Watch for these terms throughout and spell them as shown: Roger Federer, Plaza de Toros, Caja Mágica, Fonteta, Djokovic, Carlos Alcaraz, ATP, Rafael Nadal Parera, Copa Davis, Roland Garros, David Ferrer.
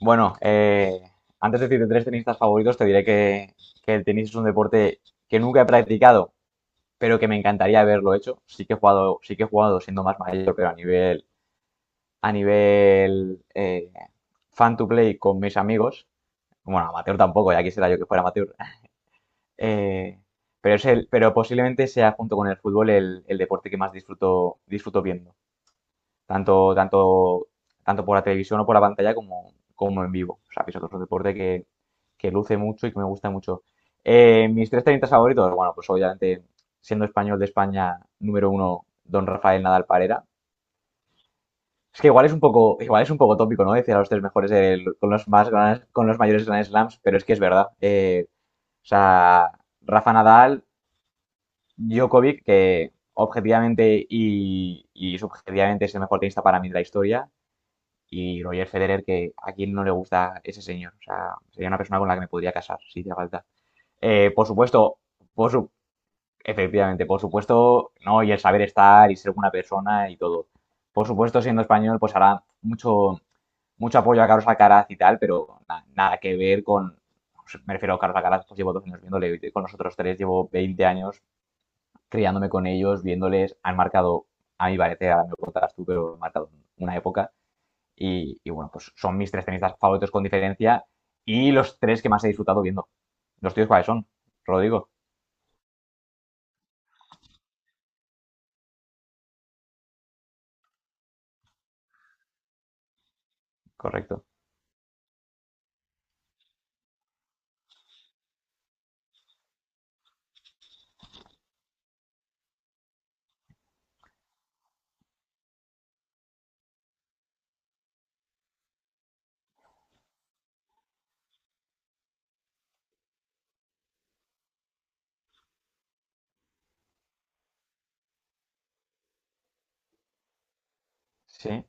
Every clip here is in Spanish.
Bueno, eh, Antes de decirte tres tenistas favoritos, te diré que el tenis es un deporte que nunca he practicado, pero que me encantaría haberlo hecho. Sí que he jugado, sí que he jugado siendo más mayor, pero a nivel, a nivel fan to play con mis amigos. Bueno, amateur tampoco, ya quisiera yo que fuera amateur. Eh, pero posiblemente sea junto con el fútbol el deporte que más disfruto, disfruto viendo tanto, tanto, tanto por la televisión o por la pantalla como en vivo. O sea, que es otro deporte que luce mucho y que me gusta mucho. Mis tres tenistas favoritos, bueno, pues obviamente, siendo español de España, número uno, don Rafael Nadal Parera. Es que igual es un poco tópico, ¿no? Decir a los tres mejores con los con los mayores Grand Slams, pero es que es verdad. O sea, Rafa Nadal, Djokovic, que objetivamente y subjetivamente es el mejor tenista para mí de la historia. Y Roger Federer, que a quien no le gusta ese señor. O sea, sería una persona con la que me podría casar, si hiciera falta. Por supuesto, por su- efectivamente, por supuesto, ¿no? Y el saber estar y ser buena persona y todo. Por supuesto, siendo español, pues hará mucho apoyo a Carlos Alcaraz y tal, pero nada que ver con, me refiero a Carlos Alcaraz, pues llevo 2 años viéndole, y con los otros tres llevo 20 años criándome con ellos, viéndoles, han marcado, a mi parecer, ahora me lo contarás tú, pero han marcado una época. Y bueno, pues son mis tres tenistas favoritos con diferencia y los tres que más he disfrutado viendo. ¿Los tíos cuáles son? Rodrigo, correcto. Sí.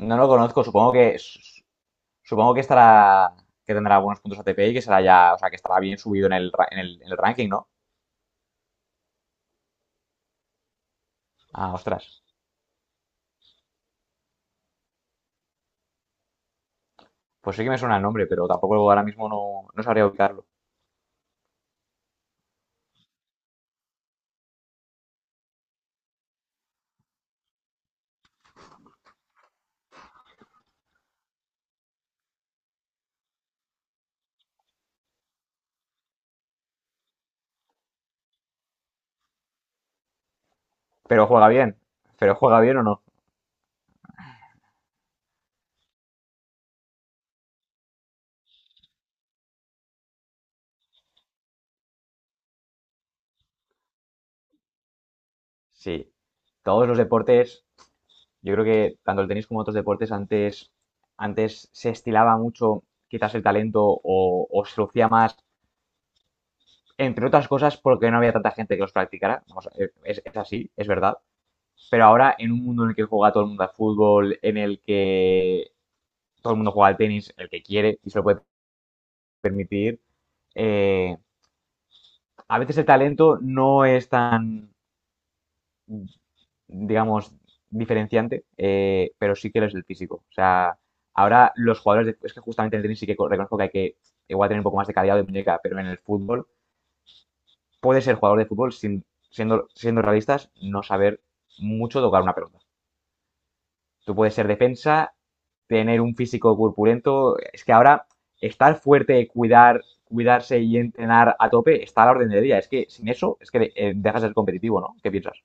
No lo conozco, supongo que estará que tendrá buenos puntos ATP y que será ya, o sea, que estará bien subido en el, en el, en el ranking, ¿no? Ah, ostras. Pues sí que me suena el nombre, pero tampoco ahora mismo no sabría ubicarlo. Pero juega bien. Pero juega bien o no. Sí. Todos los deportes. Yo creo que tanto el tenis como otros deportes antes, antes se estilaba mucho quizás el talento o se lucía más, entre otras cosas porque no había tanta gente que los practicara. Vamos, es así, es verdad. Pero ahora en un mundo en el que juega todo el mundo al fútbol, en el que todo el mundo juega al tenis, el que quiere y se lo puede permitir, eh, a veces el talento no es tan, digamos, diferenciante, pero sí que lo es el físico. O sea, ahora los jugadores, es que justamente en el tenis sí que reconozco que hay que igual tener un poco más de calidad de muñeca, pero en el fútbol, puede ser jugador de fútbol sin, siendo realistas, no saber mucho tocar una pelota. Tú puedes ser defensa, tener un físico corpulento, es que ahora estar fuerte, cuidarse y entrenar a tope está a la orden del día. Es que sin eso, es que dejas de ser competitivo, ¿no? ¿Qué piensas?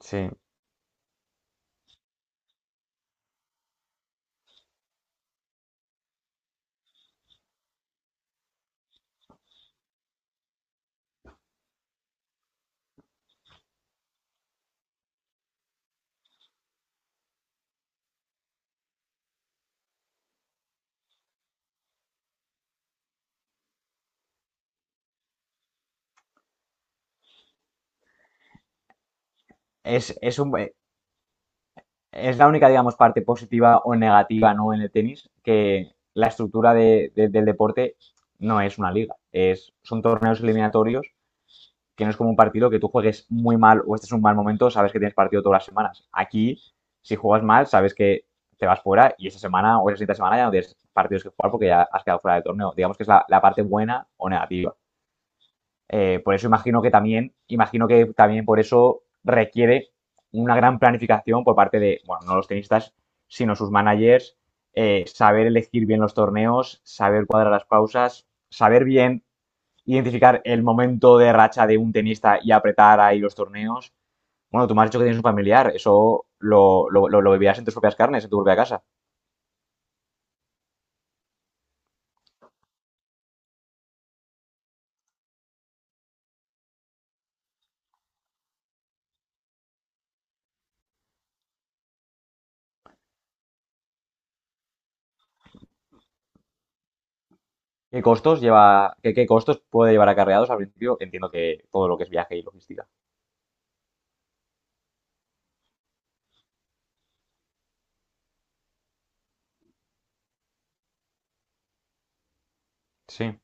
Sí. Es, es un, es la única, digamos, parte positiva o negativa, ¿no? En el tenis, que la estructura del deporte no es una liga, son torneos eliminatorios, que no es como un partido que tú juegues muy mal o este es un mal momento, sabes que tienes partido todas las semanas. Aquí, si juegas mal, sabes que te vas fuera y esa semana o esa siguiente semana ya no tienes partidos que jugar porque ya has quedado fuera del torneo. Digamos que es la parte buena o negativa. Por eso imagino que también por eso requiere una gran planificación por parte de, bueno, no los tenistas, sino sus managers, saber elegir bien los torneos, saber cuadrar las pausas, saber bien identificar el momento de racha de un tenista y apretar ahí los torneos. Bueno, tú me has dicho que tienes un familiar, eso lo vivirás en tus propias carnes, en tu propia casa. ¿Qué costos lleva, qué costos puede llevar acarreados al principio? Entiendo que todo lo que es viaje y logística. Sí.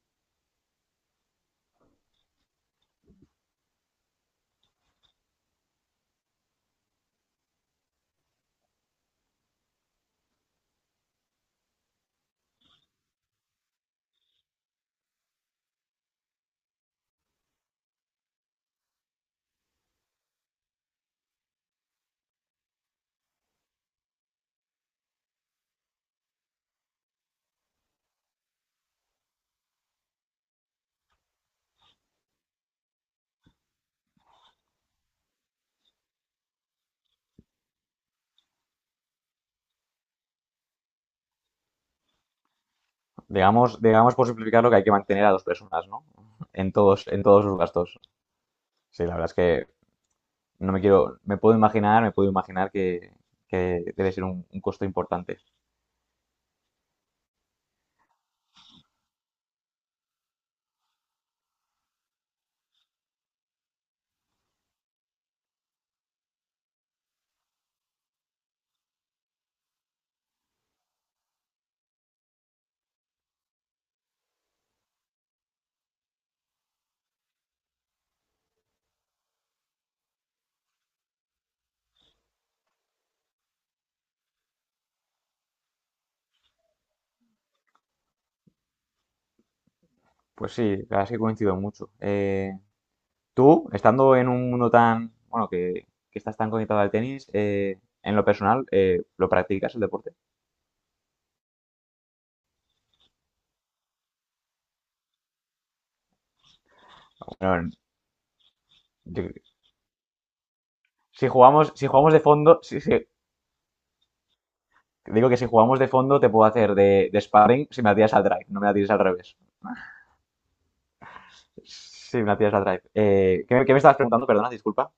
Digamos, digamos por simplificarlo que hay que mantener a dos personas, ¿no? En todos sus gastos. Sí, la verdad es que no me quiero, me puedo imaginar que debe ser un costo importante. Pues sí, la verdad es que coincido mucho. Tú, estando en un mundo tan, bueno, que estás tan conectado al tenis, en lo personal, ¿lo practicas el deporte? Bueno, yo- si jugamos, si jugamos de fondo, digo que si jugamos de fondo te puedo hacer de sparring, si me la tiras al drive, no me la tires al revés. Sí, me la tiras la Drive. Qué me estabas preguntando. Perdona, disculpa.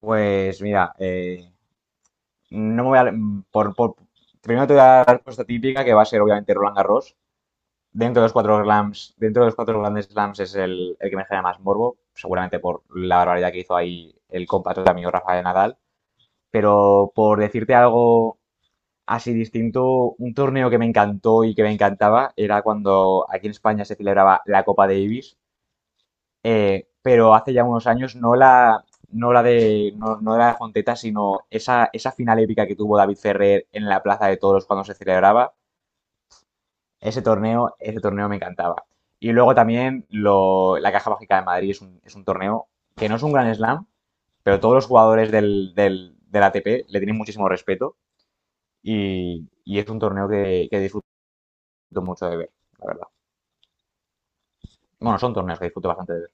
Pues mira, no me voy a. Por, por- Primero te voy a dar la respuesta típica, que va a ser obviamente Roland Garros. Dentro de los cuatro slams, dentro de los cuatro grandes slams es el que me genera más morbo, seguramente por la barbaridad que hizo ahí el compatriota mío Rafael Nadal. Pero por decirte algo así distinto, un torneo que me encantó y que me encantaba era cuando aquí en España se celebraba la Copa Davis, pero hace ya unos años no la de Fonteta, sino esa, esa final épica que tuvo David Ferrer en la Plaza de Toros cuando se celebraba. Ese torneo me encantaba. Y luego también la Caja Mágica de Madrid es es un torneo que no es un gran slam, pero todos los jugadores del ATP le tienen muchísimo respeto y es un torneo que disfruto mucho de ver, la verdad. Bueno, son torneos que disfruto bastante de ver.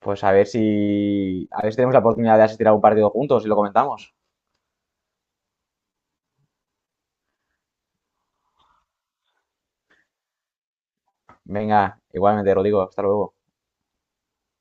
Pues a ver si tenemos la oportunidad de asistir a un partido juntos y lo comentamos. Venga, igualmente, Rodrigo, hasta luego.